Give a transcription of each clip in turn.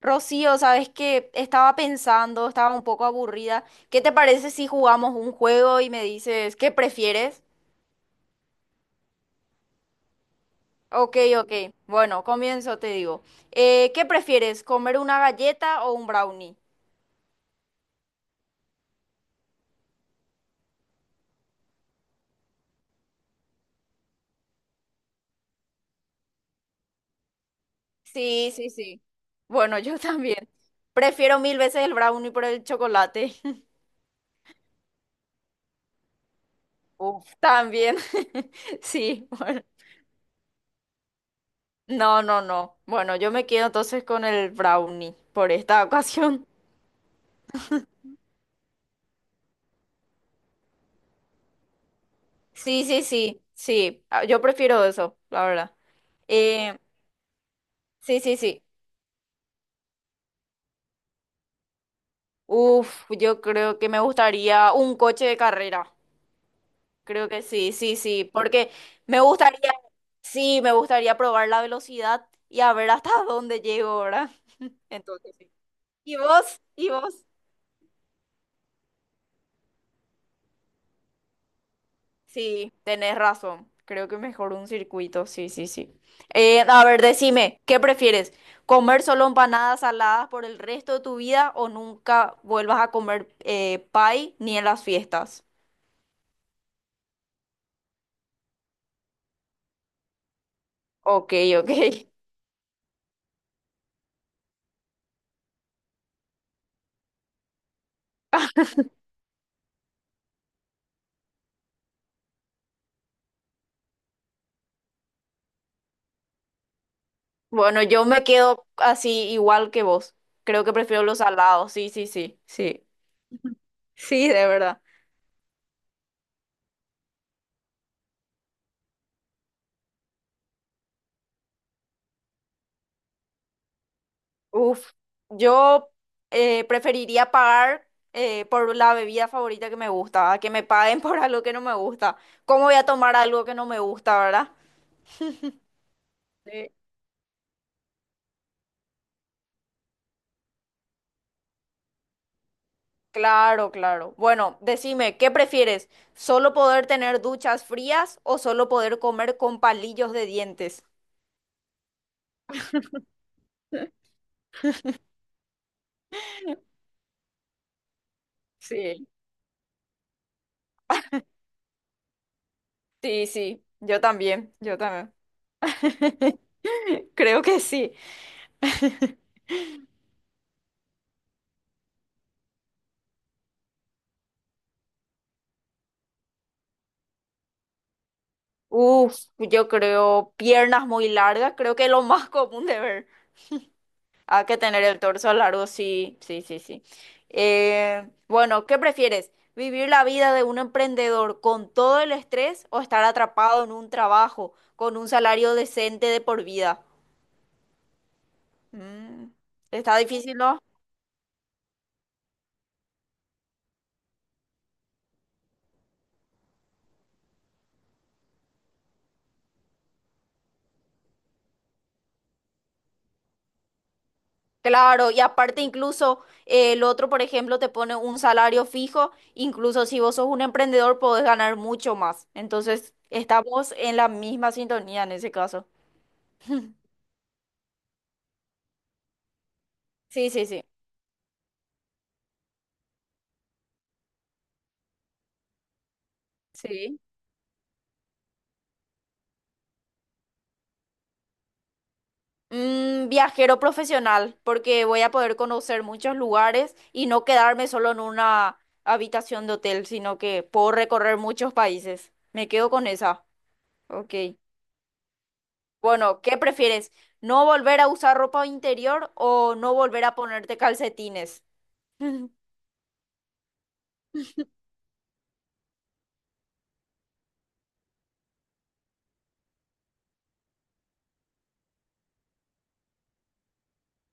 Rocío, sabes que estaba pensando, estaba un poco aburrida. ¿Qué te parece si jugamos un juego y me dices qué prefieres? Ok, ok. Bueno, comienzo, te digo. ¿Qué prefieres, comer una galleta o un brownie? Sí, sí, sí. Bueno, yo también. Prefiero mil veces el brownie por el chocolate. Uf, también. Sí, bueno. No, no, no. Bueno, yo me quedo entonces con el brownie por esta ocasión. Sí, sí, sí, sí. Ah, yo prefiero eso, la verdad. Eh, sí, sí, sí. Uf, yo creo que me gustaría un coche de carrera. Creo que sí, sí, sí. Porque me gustaría, sí, me gustaría probar la velocidad y a ver hasta dónde llego, ¿verdad? Entonces, sí. ¿Y vos? ¿Y vos? Sí, tenés razón. Creo que mejor un circuito, sí, sí, sí. A ver, decime, ¿qué prefieres? ¿Comer solo empanadas saladas por el resto de tu vida o nunca vuelvas a comer pie ni en las fiestas? Ok, ok. Bueno, yo me quedo así igual que vos. Creo que prefiero los salados, sí, sí, sí, sí. Sí, de verdad. Uf, yo preferiría pagar por la bebida favorita que me gusta, a que me paguen por algo que no me gusta. ¿Cómo voy a tomar algo que no me gusta, verdad? Sí. Claro, claro. Bueno, decime, ¿qué prefieres? ¿Solo poder tener duchas frías o solo poder comer con palillos de dientes? Sí. Sí, sí, yo también, yo también. Creo que sí. Uf, yo creo piernas muy largas, creo que es lo más común de ver. Hay que tener el torso largo, sí, sí, sí, sí. Bueno, ¿qué prefieres? ¿Vivir la vida de un emprendedor con todo el estrés o estar atrapado en un trabajo con un salario decente de por vida? Mm, Está difícil, ¿no? Claro, y aparte incluso el otro, por ejemplo, te pone un salario fijo, incluso si vos sos un emprendedor podés ganar mucho más. Entonces, estamos en la misma sintonía en ese caso. Sí, sí, sí. Sí. Viajero profesional, porque voy a poder conocer muchos lugares y no quedarme solo en una habitación de hotel, sino que puedo recorrer muchos países. Me quedo con esa. Ok. Bueno, ¿qué prefieres? ¿No volver a usar ropa interior o no volver a ponerte calcetines?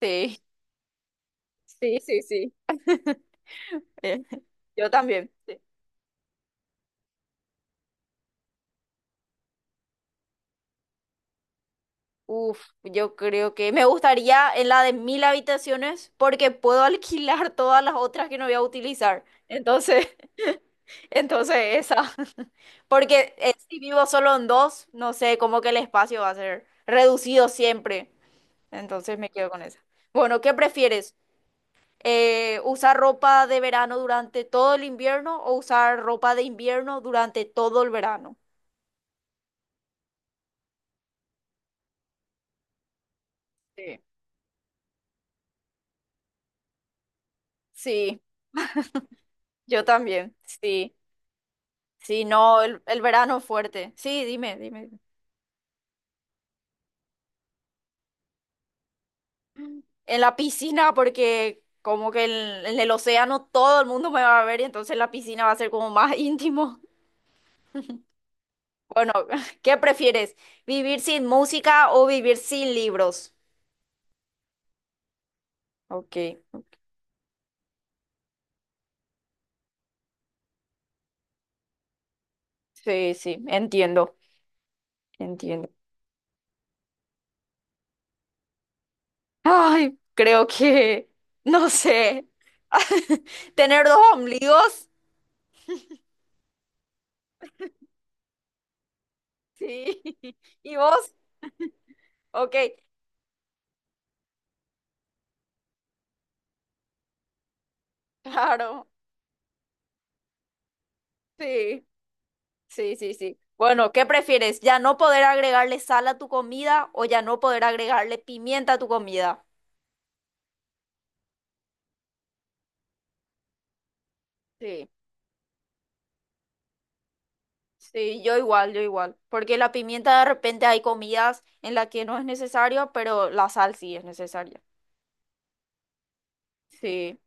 Sí, sí, sí, sí. eh, yo también. Sí. Uf, yo creo que me gustaría en la de mil habitaciones porque puedo alquilar todas las otras que no voy a utilizar. Entonces, entonces esa. Porque si vivo solo en dos, no sé, como que el espacio va a ser reducido siempre. Entonces me quedo con esa. Bueno, ¿qué prefieres? Usar ropa de verano durante todo el invierno o usar ropa de invierno durante todo el verano. Sí. Sí, yo también, sí, sí, no, el verano es fuerte. Sí, dime, dime. Dime. En la piscina, porque como que en el océano todo el mundo me va a ver y entonces la piscina va a ser como más íntimo. Bueno, ¿qué prefieres? ¿Vivir sin música o vivir sin libros? Ok, sí, sí, entiendo, entiendo. Ay, creo que, no sé, tener dos ombligos, sí. ¿Y vos? Ok, claro, sí, sí, sí, sí. Bueno, ¿qué prefieres? ¿Ya no poder agregarle sal a tu comida o ya no poder agregarle pimienta a tu comida? Sí, sí, yo igual, yo igual. Porque la pimienta de repente hay comidas en las que no es necesario, pero la sal sí es necesaria. Sí,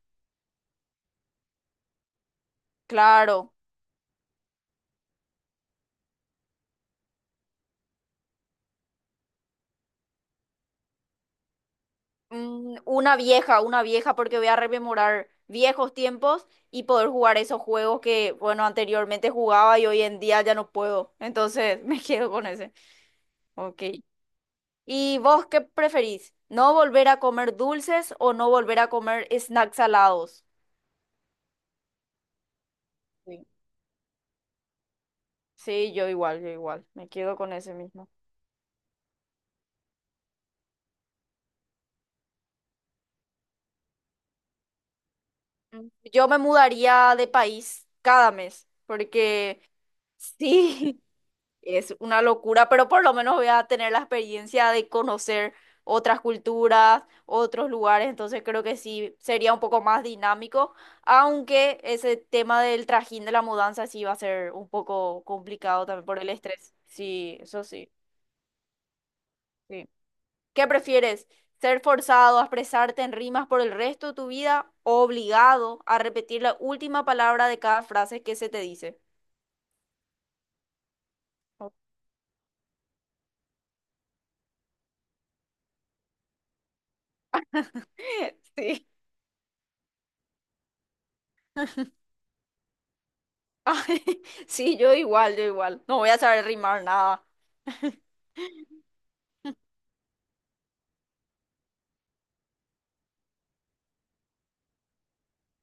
claro. Una vieja, porque voy a rememorar viejos tiempos y poder jugar esos juegos que, bueno, anteriormente jugaba y hoy en día ya no puedo. Entonces me quedo con ese. Ok. ¿Y vos qué preferís? ¿No volver a comer dulces o no volver a comer snacks salados? Sí, Sí, yo igual, yo igual. Me quedo con ese mismo. Yo me mudaría de país cada mes, porque sí, es una locura, pero por lo menos voy a tener la experiencia de conocer otras culturas, otros lugares, entonces creo que sí sería un poco más dinámico, aunque ese tema del trajín de la mudanza sí va a ser un poco complicado también por el estrés. Sí, eso sí, sí. ¿Qué prefieres? ¿Ser forzado a expresarte en rimas por el resto de tu vida o obligado a repetir la última palabra de cada frase que se te dice? Sí. Ay, sí, yo igual, yo igual. No voy a saber rimar nada.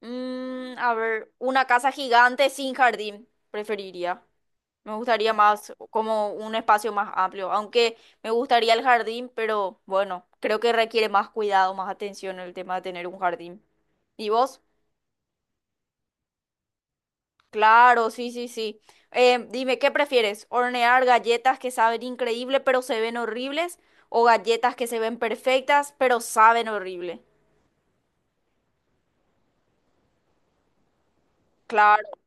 A ver, una casa gigante sin jardín, preferiría. Me gustaría más como un espacio más amplio, aunque me gustaría el jardín, pero bueno, creo que requiere más cuidado, más atención el tema de tener un jardín. ¿Y vos? Claro, sí, sí, sí. Dime, ¿qué prefieres? ¿Hornear galletas que saben increíble pero se ven horribles? ¿O galletas que se ven perfectas pero saben horrible? Claro.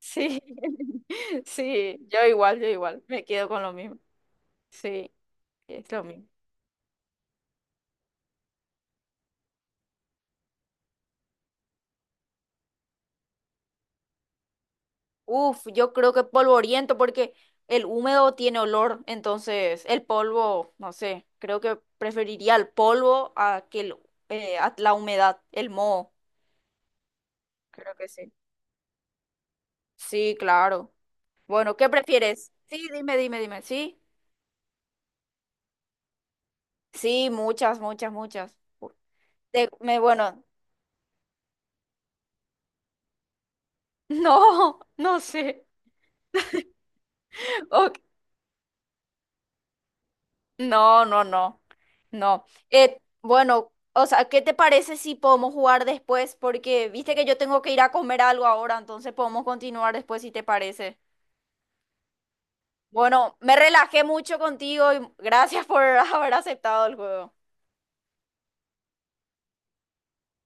Sí, sí, yo igual, me quedo con lo mismo. Sí, es lo mismo. Uf, yo creo que polvoriento porque el húmedo tiene olor, entonces el polvo, no sé, creo que preferiría el polvo a que a la humedad, el moho. Creo que sí. Sí, claro. Bueno, ¿qué prefieres? Sí, dime, dime, dime. Sí, sí, muchas, muchas, muchas. Me, bueno, no, no sé. Ok. No, no, no, no. Bueno, o sea, ¿qué te parece si podemos jugar después? Porque viste que yo tengo que ir a comer algo ahora, entonces podemos continuar después si te parece. Bueno, me relajé mucho contigo y gracias por haber aceptado el juego.